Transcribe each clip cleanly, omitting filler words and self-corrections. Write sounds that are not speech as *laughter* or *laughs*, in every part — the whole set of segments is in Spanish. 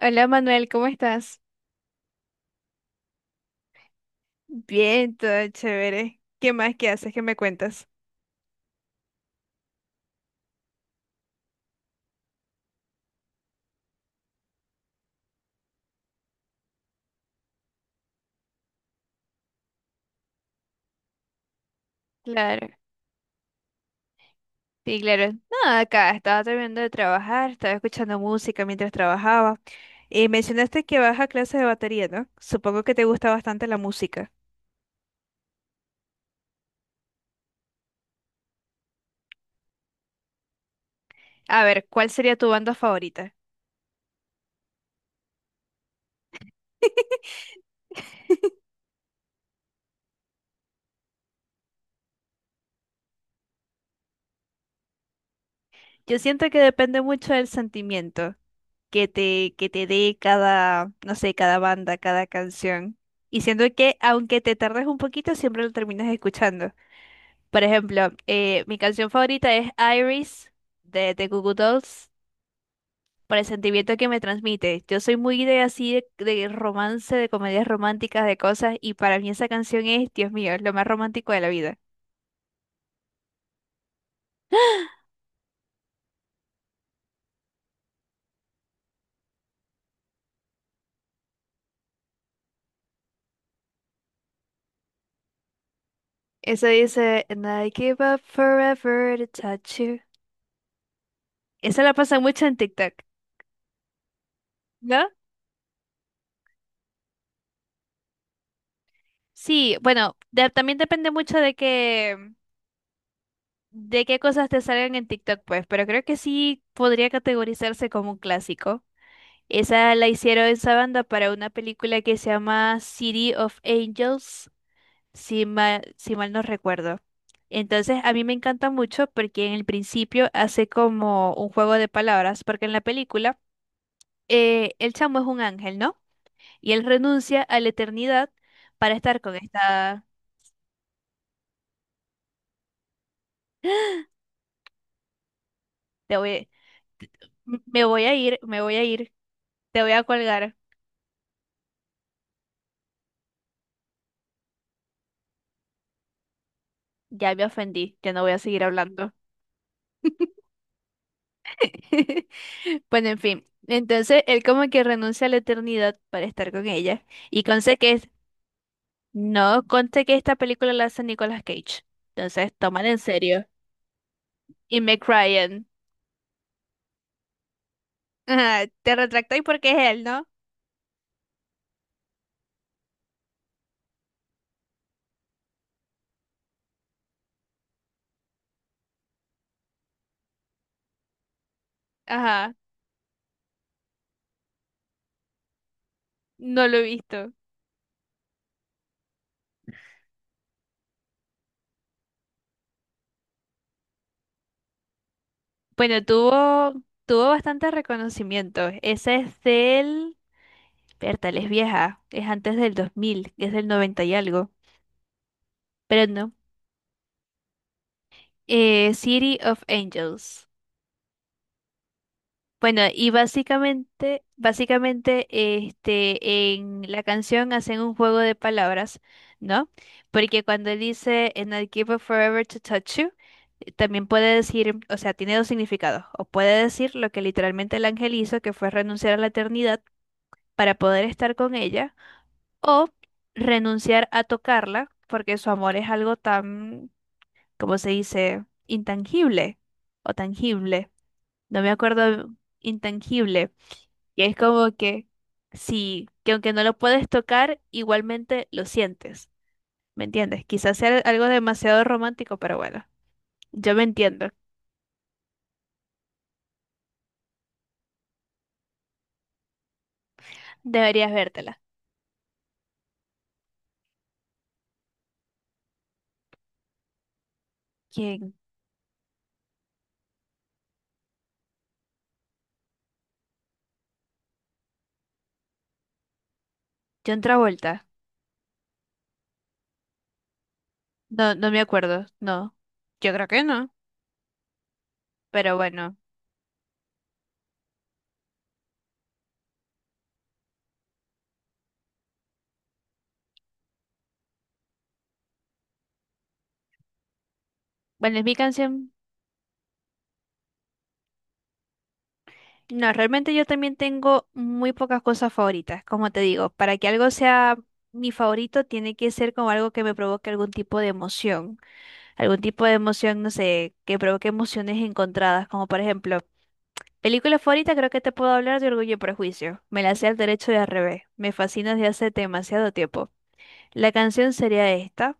Hola Manuel, ¿cómo estás? Bien, todo chévere. ¿Qué más? ¿Qué haces? ¿Qué me cuentas? Claro, sí, claro. Nada, acá estaba terminando de trabajar, estaba escuchando música mientras trabajaba. Y mencionaste que vas a clases de batería, ¿no? Supongo que te gusta bastante la música. A ver, ¿cuál sería tu banda favorita? *laughs* Yo siento que depende mucho del sentimiento que te dé cada, no sé, cada banda, cada canción. Y siento que aunque te tardes un poquito, siempre lo terminas escuchando. Por ejemplo, mi canción favorita es Iris de The Goo Goo Dolls por el sentimiento que me transmite. Yo soy muy de así de romance, de comedias románticas, de cosas, y para mí esa canción es, Dios mío, es lo más romántico de la vida. *gasps* Eso dice, And I give up forever to touch you. Esa la pasa mucho en TikTok, ¿no? Sí, bueno, también depende mucho de qué cosas te salgan en TikTok, pues, pero creo que sí podría categorizarse como un clásico. Esa la hicieron esa banda para una película que se llama City of Angels, si mal no recuerdo. Entonces, a mí me encanta mucho porque en el principio hace como un juego de palabras, porque en la película el chamo es un ángel, ¿no? Y él renuncia a la eternidad para estar con esta. Te voy. Me voy a ir, me voy a ir, te voy a colgar. Ya me ofendí, ya no voy a seguir hablando. *laughs* Bueno, en fin. Entonces él como que renuncia a la eternidad para estar con ella. Y conste que no, conste que esta película la hace Nicolas Cage. Entonces, tómala en serio. Y me Ryan. Ajá, te retractáis porque es él, ¿no? Ajá, no lo he visto. Bueno, tuvo bastante reconocimiento. Esa es del. Bertal es vieja. Es antes del 2000, es del 90 y algo. Pero no. City of Angels. Bueno, y básicamente, este, en la canción hacen un juego de palabras, ¿no? Porque cuando él dice And I give up forever to touch you, también puede decir, o sea, tiene dos significados. O puede decir lo que literalmente el ángel hizo, que fue renunciar a la eternidad para poder estar con ella, o renunciar a tocarla, porque su amor es algo tan, ¿cómo se dice? Intangible o tangible. No me acuerdo, intangible. Y es como que sí, que aunque no lo puedes tocar, igualmente lo sientes. ¿Me entiendes? Quizás sea algo demasiado romántico, pero bueno, yo me entiendo. Deberías vértela. ¿Quién? John Travolta. No, no me acuerdo. No. Yo creo que no. Pero bueno. Bueno, es mi canción. No, realmente yo también tengo muy pocas cosas favoritas, como te digo. Para que algo sea mi favorito, tiene que ser como algo que me provoque algún tipo de emoción, no sé, que provoque emociones encontradas, como por ejemplo, película favorita, creo que te puedo hablar de Orgullo y Prejuicio. Me la sé al derecho y al revés. Me fascina desde hace demasiado tiempo. La canción sería esta.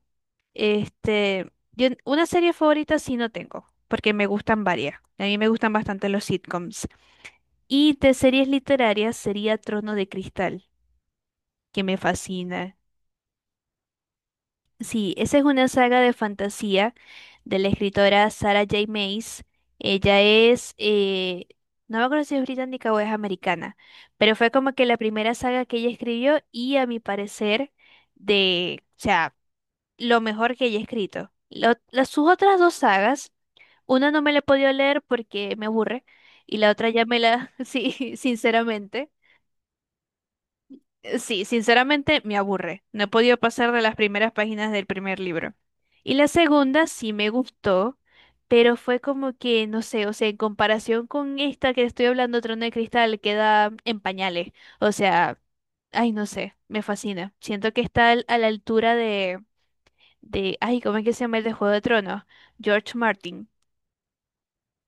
Este, una serie favorita sí no tengo, porque me gustan varias. A mí me gustan bastante los sitcoms. Y de series literarias sería Trono de Cristal, que me fascina. Sí, esa es una saga de fantasía de la escritora Sarah J. Maas. Ella es, no me acuerdo si es británica o es americana, pero fue como que la primera saga que ella escribió y a mi parecer o sea, lo mejor que ella ha escrito. Sus otras dos sagas, una no me la he podido leer porque me aburre y la otra ya me la, *laughs* sí, sinceramente. Sí, sinceramente me aburre. No he podido pasar de las primeras páginas del primer libro. Y la segunda sí me gustó, pero fue como que, no sé, o sea, en comparación con esta que estoy hablando, Trono de Cristal, queda en pañales. O sea, ay, no sé, me fascina. Siento que está a la altura de, ay, ¿cómo es que se llama el de Juego de Tronos? George Martin.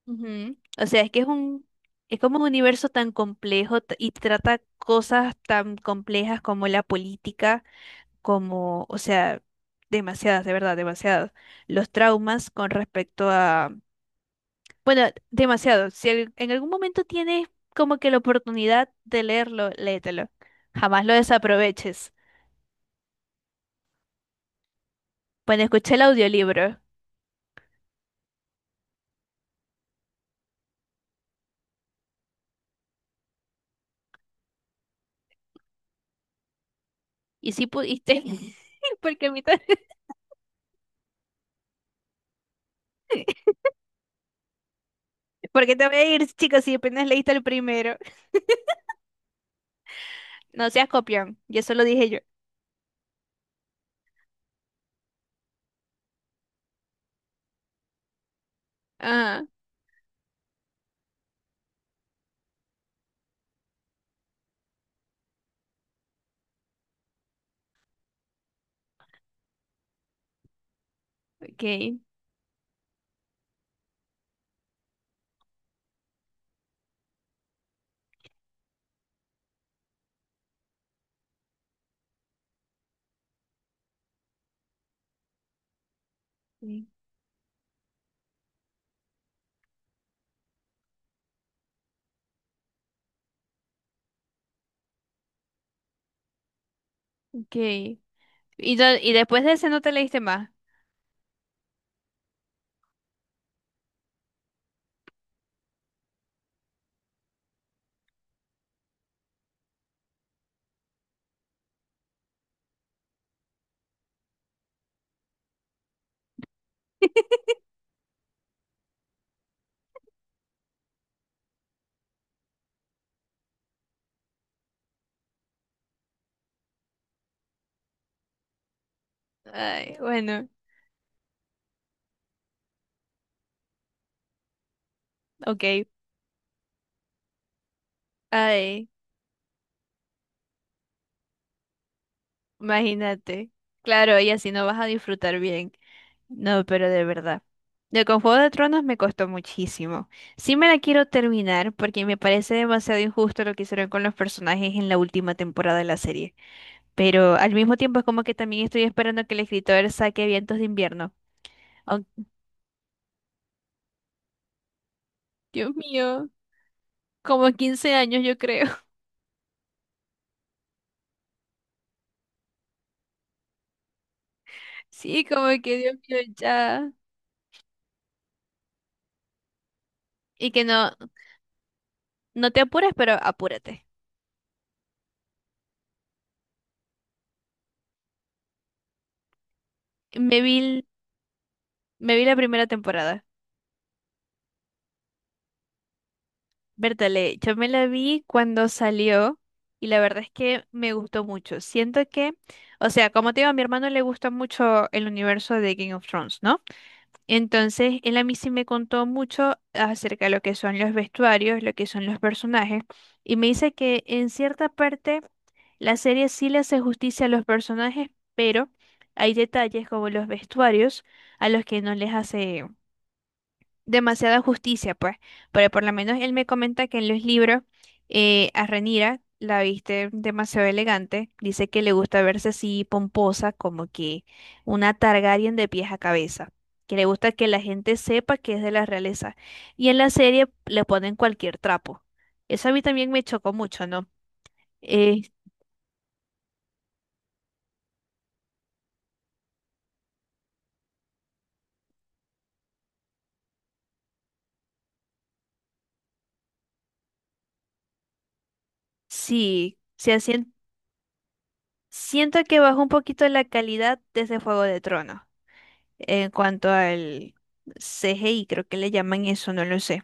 Ujú. O sea, es que es como un universo tan complejo y trata cosas tan complejas como la política como, o sea, demasiadas, de verdad, demasiadas. Los traumas con respecto a, bueno, demasiado. Si en algún momento tienes como que la oportunidad de leerlo, léetelo. Jamás lo desaproveches. Bueno, escuché el audiolibro y si pudiste, *laughs* porque a mí mitad, *laughs* porque te voy a ir, chicos, si apenas leíste el primero. No seas copión, y eso lo dije yo. Ah, ok. Sí. Ok. Y después de ese no te leíste más. *laughs* Ay, bueno, ok. Ay, imagínate. Claro, y así no vas a disfrutar bien. No, pero de verdad. De Con Juego de Tronos me costó muchísimo. Sí me la quiero terminar porque me parece demasiado injusto lo que hicieron con los personajes en la última temporada de la serie. Pero al mismo tiempo es como que también estoy esperando que el escritor saque Vientos de Invierno. Aunque, Dios mío, como 15 años yo creo. *laughs* Sí, como que Dios mío, ya. Y que no, no te apures, pero apúrate. Me vi, me vi la primera temporada. Bertale, yo me la vi cuando salió y la verdad es que me gustó mucho. Siento que, o sea, como te digo, a mi hermano le gusta mucho el universo de Game of Thrones, ¿no? Entonces, él a mí sí me contó mucho acerca de lo que son los vestuarios, lo que son los personajes, y me dice que en cierta parte la serie sí le hace justicia a los personajes, pero hay detalles como los vestuarios a los que no les hace demasiada justicia, pues, pero por lo menos él me comenta que en los libros a Renira la viste demasiado elegante, dice que le gusta verse así pomposa, como que una Targaryen de pies a cabeza, que le gusta que la gente sepa que es de la realeza, y en la serie le ponen cualquier trapo. Eso a mí también me chocó mucho, ¿no? Eh, sí, se siento que bajó un poquito la calidad desde Fuego de Tronos en cuanto al CGI, creo que le llaman eso, no lo sé.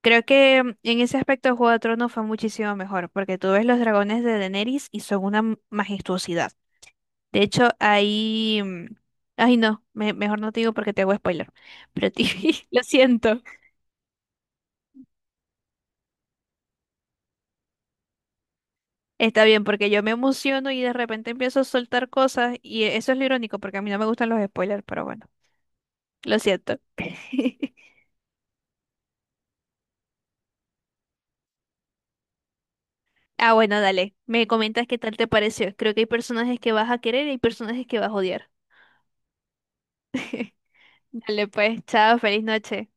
Creo que en ese aspecto Juego de Tronos fue muchísimo mejor, porque tú ves los dragones de Daenerys y son una majestuosidad. De hecho, ahí. Ay, no, mejor no te digo porque te hago spoiler. Pero *laughs* lo siento. Está bien, porque yo me emociono y de repente empiezo a soltar cosas y eso es lo irónico, porque a mí no me gustan los spoilers, pero bueno, lo siento. *laughs* Ah, bueno, dale. Me comentas qué tal te pareció. Creo que hay personajes que vas a querer y hay personajes que vas a odiar. *laughs* Dale, pues, chao, feliz noche.